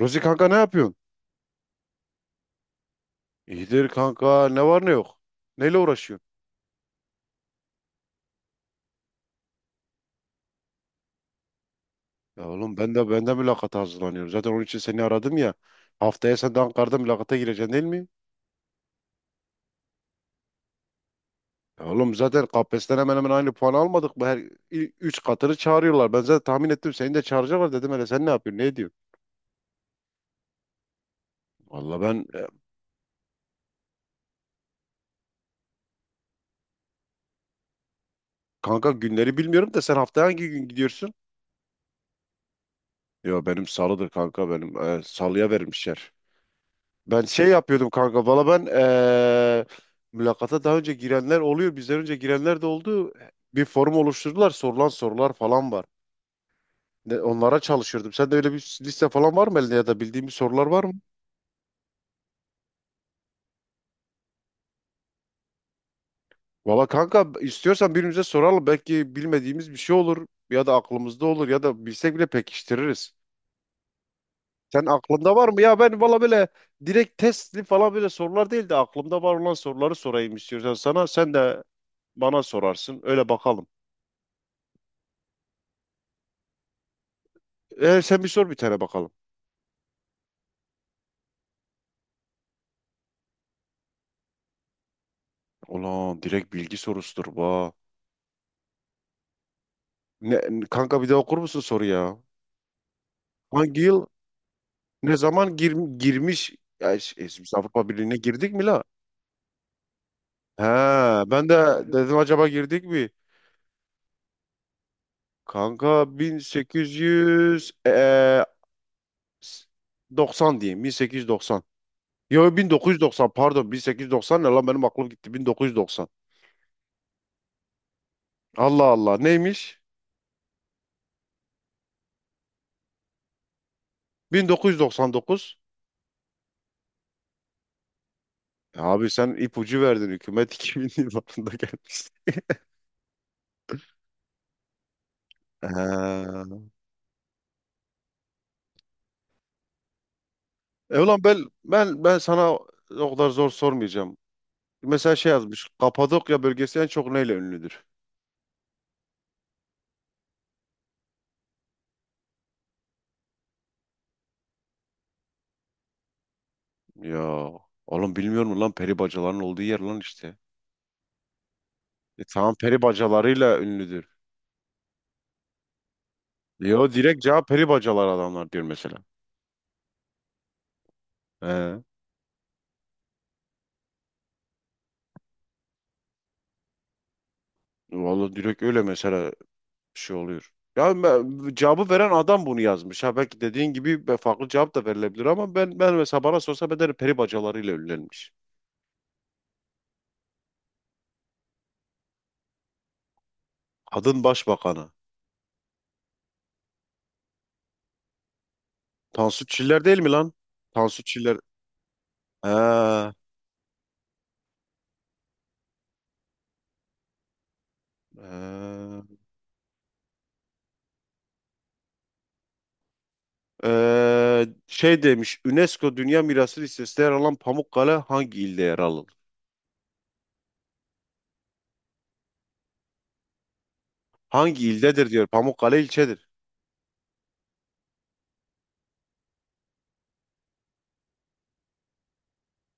Rozi kanka ne yapıyorsun? İyidir kanka ne var ne yok. Neyle uğraşıyorsun? Ya oğlum ben de mülakata hazırlanıyorum. Zaten onun için seni aradım ya. Haftaya sen de Ankara'da mülakata gireceksin değil mi? Ya oğlum zaten KPSS'den hemen hemen aynı puan almadık mı? Her üç katını çağırıyorlar. Ben zaten tahmin ettim seni de çağıracaklar dedim, hele sen ne yapıyorsun ne ediyorsun? Valla ben kanka günleri bilmiyorum da sen haftaya hangi gün gidiyorsun? Yo benim salıdır kanka, benim salıya vermişler. Ben şey yapıyordum kanka. Valla ben mülakata daha önce girenler oluyor. Bizden önce girenler de oldu. Bir forum oluşturdular. Sorulan sorular falan var. Onlara çalışıyordum. Sen de öyle bir liste falan var mı elinde, ya da bildiğin bir sorular var mı? Valla kanka istiyorsan birbirimize soralım. Belki bilmediğimiz bir şey olur. Ya da aklımızda olur. Ya da bilsek bile pekiştiririz. Sen aklında var mı? Ya ben valla böyle direkt testli falan böyle sorular değil de aklımda var olan soruları sorayım istiyorsan sana. Sen de bana sorarsın. Öyle bakalım. Sen bir sor bir tane bakalım. Ulan direkt bilgi sorusudur bu. Ne, Kanka bir daha okur musun soru ya? Hangi yıl ne zaman girmiş? Ya, biz Avrupa Birliği'ne girdik mi la? He, ben de dedim acaba girdik mi? Kanka 1800 s- 90 diyeyim, 1890. Yo 1990, pardon, 1890 ne lan, benim aklım gitti, 1990. Allah Allah, neymiş? 1999. Abi sen ipucu verdin, hükümet 2000 yıllarında gelmiş. Ha. E ulan ben sana o kadar zor sormayacağım. Mesela şey yazmış. Kapadokya bölgesi en çok neyle ünlüdür? Ya oğlum bilmiyor musun lan, peri bacaların olduğu yer lan işte. E tamam, peri bacalarıyla ünlüdür. Yo, direkt cevap peri bacalar adamlar diyor mesela. He. Vallahi direkt öyle mesela bir şey oluyor. Ya cevabı veren adam bunu yazmış. Ha belki dediğin gibi farklı cevap da verilebilir ama ben mesela bana sorsa ben derim peri bacalarıyla ünlenmiş. Kadın başbakanı. Tansu Çiller değil mi lan? Tansu Çiller. Ha, ha. Şey demiş, UNESCO Dünya Mirası listesinde yer alan Pamukkale hangi ilde yer alır? Hangi ildedir diyor. Pamukkale ilçedir.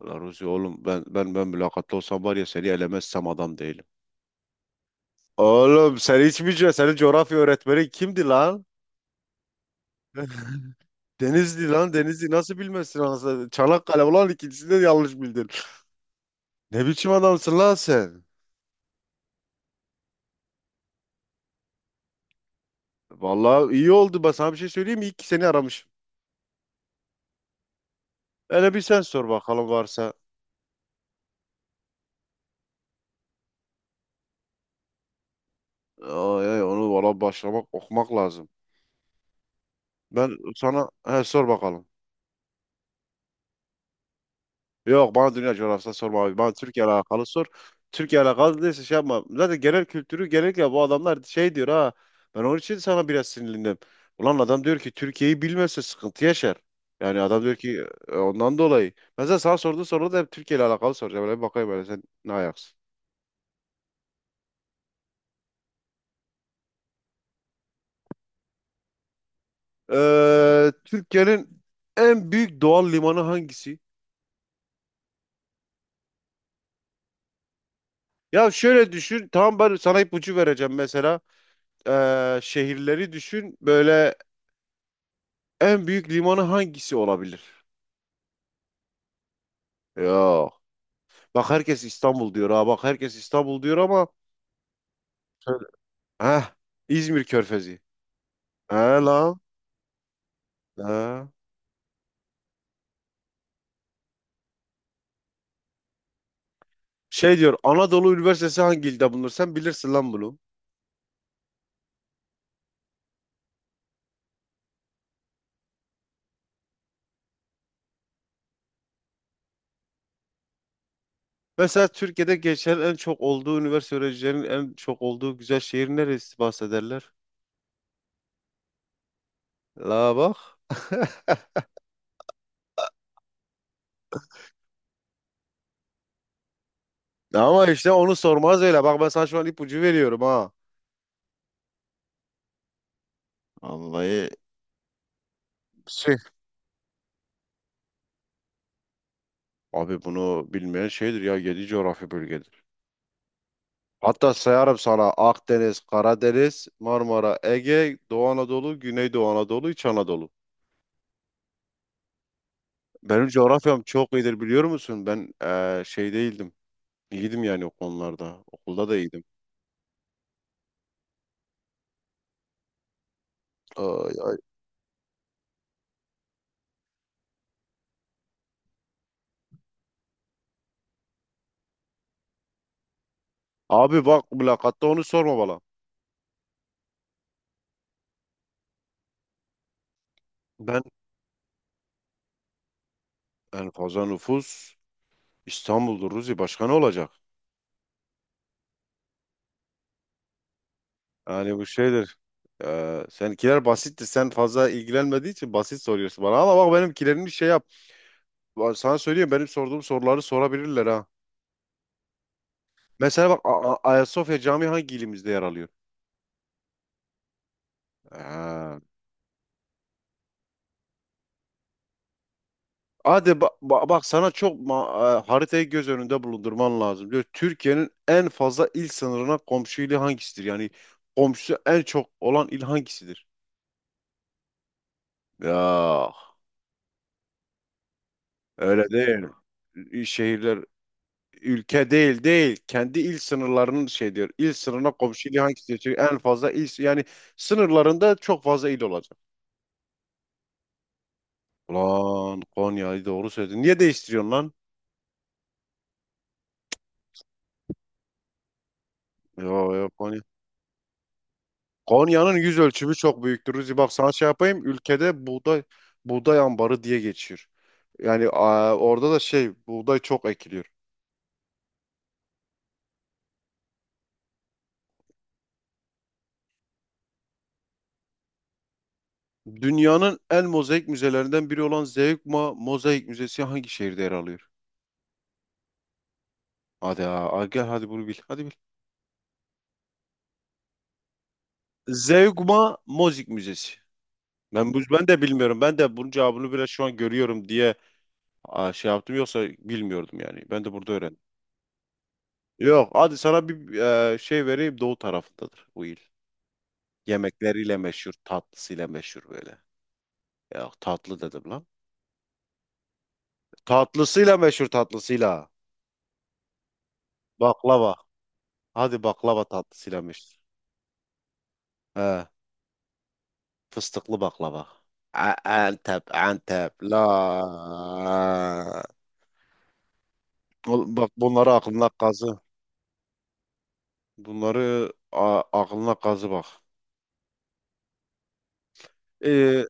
Ulan Ruzi oğlum, ben mülakatlı olsam var ya, seni elemezsem adam değilim. Oğlum sen hiç mi senin coğrafya öğretmeni kimdi lan? Denizli lan, Denizli nasıl bilmezsin anasını? Çanakkale ulan, ikincisinde de yanlış bildin. Ne biçim adamsın lan sen? Vallahi iyi oldu. Ben sana bir şey söyleyeyim mi? İyi ki seni aramışım. Hele bir sen sor bakalım varsa. Ay, ay, onu valla başlamak okumak lazım. Ben sana he, sor bakalım. Yok, bana dünya coğrafyası sorma abi. Bana Türkiye ile alakalı sor. Türkiye ile alakalı değilse şey yapma. Zaten genel kültürü genellikle bu adamlar şey diyor ha. Ben onun için sana biraz sinirlendim. Ulan adam diyor ki Türkiye'yi bilmezse sıkıntı yaşar. Yani adam diyor ki ondan dolayı. Mesela sana sorduğu soruda da hep Türkiye ile alakalı soracağım. Böyle bir bakayım böyle sen ne ayaksın. Türkiye'nin en büyük doğal limanı hangisi? Ya şöyle düşün. Tamam ben sana ipucu vereceğim mesela. Şehirleri düşün. Böyle en büyük limanı hangisi olabilir? Yok. Bak, herkes İstanbul diyor ha. Bak herkes İstanbul diyor ama söyle. Heh, İzmir Körfezi. He lan. He. Şey diyor, Anadolu Üniversitesi hangi ilde bulunur? Sen bilirsin lan bunu. Mesela Türkiye'de geçen en çok olduğu üniversite, öğrencilerinin en çok olduğu güzel şehir neresi bahsederler? La bak. Ama işte onu sormaz öyle. Bak ben sana şu an ipucu veriyorum ha. Vallahi şey. Abi bunu bilmeyen şeydir ya. 7 coğrafi bölgedir. Hatta sayarım sana: Akdeniz, Karadeniz, Marmara, Ege, Doğu Anadolu, Güneydoğu Anadolu, İç Anadolu. Benim coğrafyam çok iyidir biliyor musun? Ben şey değildim. İyiydim yani o konularda. Okulda da iyiydim. Ay, ay. Abi bak, mülakatta onu sorma bana. Ben en fazla nüfus İstanbul'dur Ruzi. Başka ne olacak? Yani bu şeydir. Seninkiler basittir. Sen fazla ilgilenmediği için basit soruyorsun bana. Ama bak benimkilerini şey yap. Sana söyleyeyim, benim sorduğum soruları sorabilirler ha. Mesela bak, Ayasofya Camii hangi ilimizde yer alıyor? Ha. Hadi bak, sana çok haritayı göz önünde bulundurman lazım. Diyor Türkiye'nin en fazla il sınırına komşu ili hangisidir? Yani komşusu en çok olan il hangisidir? Ya öyle değil. Şehirler ülke değil. Kendi il sınırlarının şey diyor. İl sınırına komşu ili hangisidir? Çünkü en fazla il, yani sınırlarında çok fazla il olacak. Ulan Konya'yı doğru söyledin. Niye değiştiriyorsun lan? Yok. Konya'nın yüz ölçümü çok büyüktür. Ruzi bak, sana şey yapayım. Ülkede buğday ambarı diye geçiyor. Yani a, orada da şey, buğday çok ekiliyor. Dünyanın en mozaik müzelerinden biri olan Zeugma Mozaik Müzesi hangi şehirde yer alıyor? Hadi gel hadi bunu bil. Hadi bil. Zeugma Mozaik Müzesi. Ben de bilmiyorum. Ben de bunun cevabını bile şu an görüyorum diye a, şey yaptım, yoksa bilmiyordum yani. Ben de burada öğrendim. Yok, hadi sana bir şey vereyim, doğu tarafındadır bu il. Yemekleriyle meşhur, tatlısıyla meşhur böyle. Ya tatlı dedim lan. Tatlısıyla meşhur, tatlısıyla. Baklava. Hadi baklava, tatlısıyla meşhur. He, fıstıklı baklava. Antep, Antep. La. Oğlum bak, bunları aklına kazı. Bunları aklına kazı bak. Ee,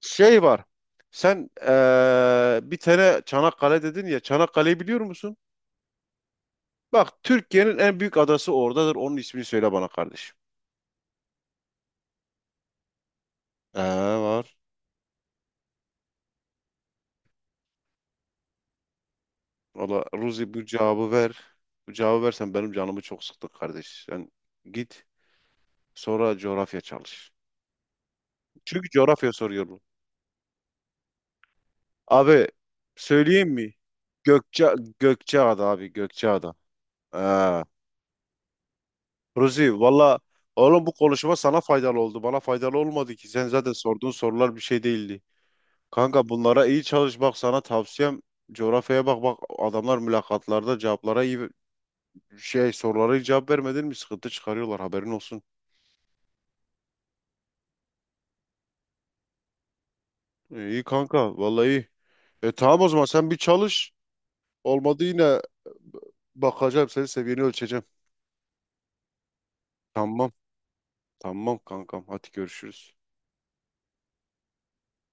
şey var. Sen bir tane Çanakkale dedin ya. Çanakkale'yi biliyor musun? Bak, Türkiye'nin en büyük adası oradadır. Onun ismini söyle bana kardeşim. Ee, var. Valla Ruzi, bu cevabı ver. Bu cevabı versen, benim canımı çok sıktı kardeş. Sen git sonra coğrafya çalış. Çünkü coğrafya soruyor bu. Abi söyleyeyim mi? Gökçeada abi, Gökçeada. Ee, Ruzi valla oğlum, bu konuşma sana faydalı oldu. Bana faydalı olmadı ki. Sen zaten sorduğun sorular bir şey değildi. Kanka bunlara iyi çalış, bak sana tavsiyem coğrafyaya bak, bak adamlar mülakatlarda cevaplara iyi, şey sorulara hiç cevap vermedin mi? Sıkıntı çıkarıyorlar, haberin olsun. İyi kanka vallahi iyi. E tamam o zaman, sen bir çalış. Olmadı yine bakacağım, senin seviyeni ölçeceğim. Tamam tamam kankam, hadi görüşürüz.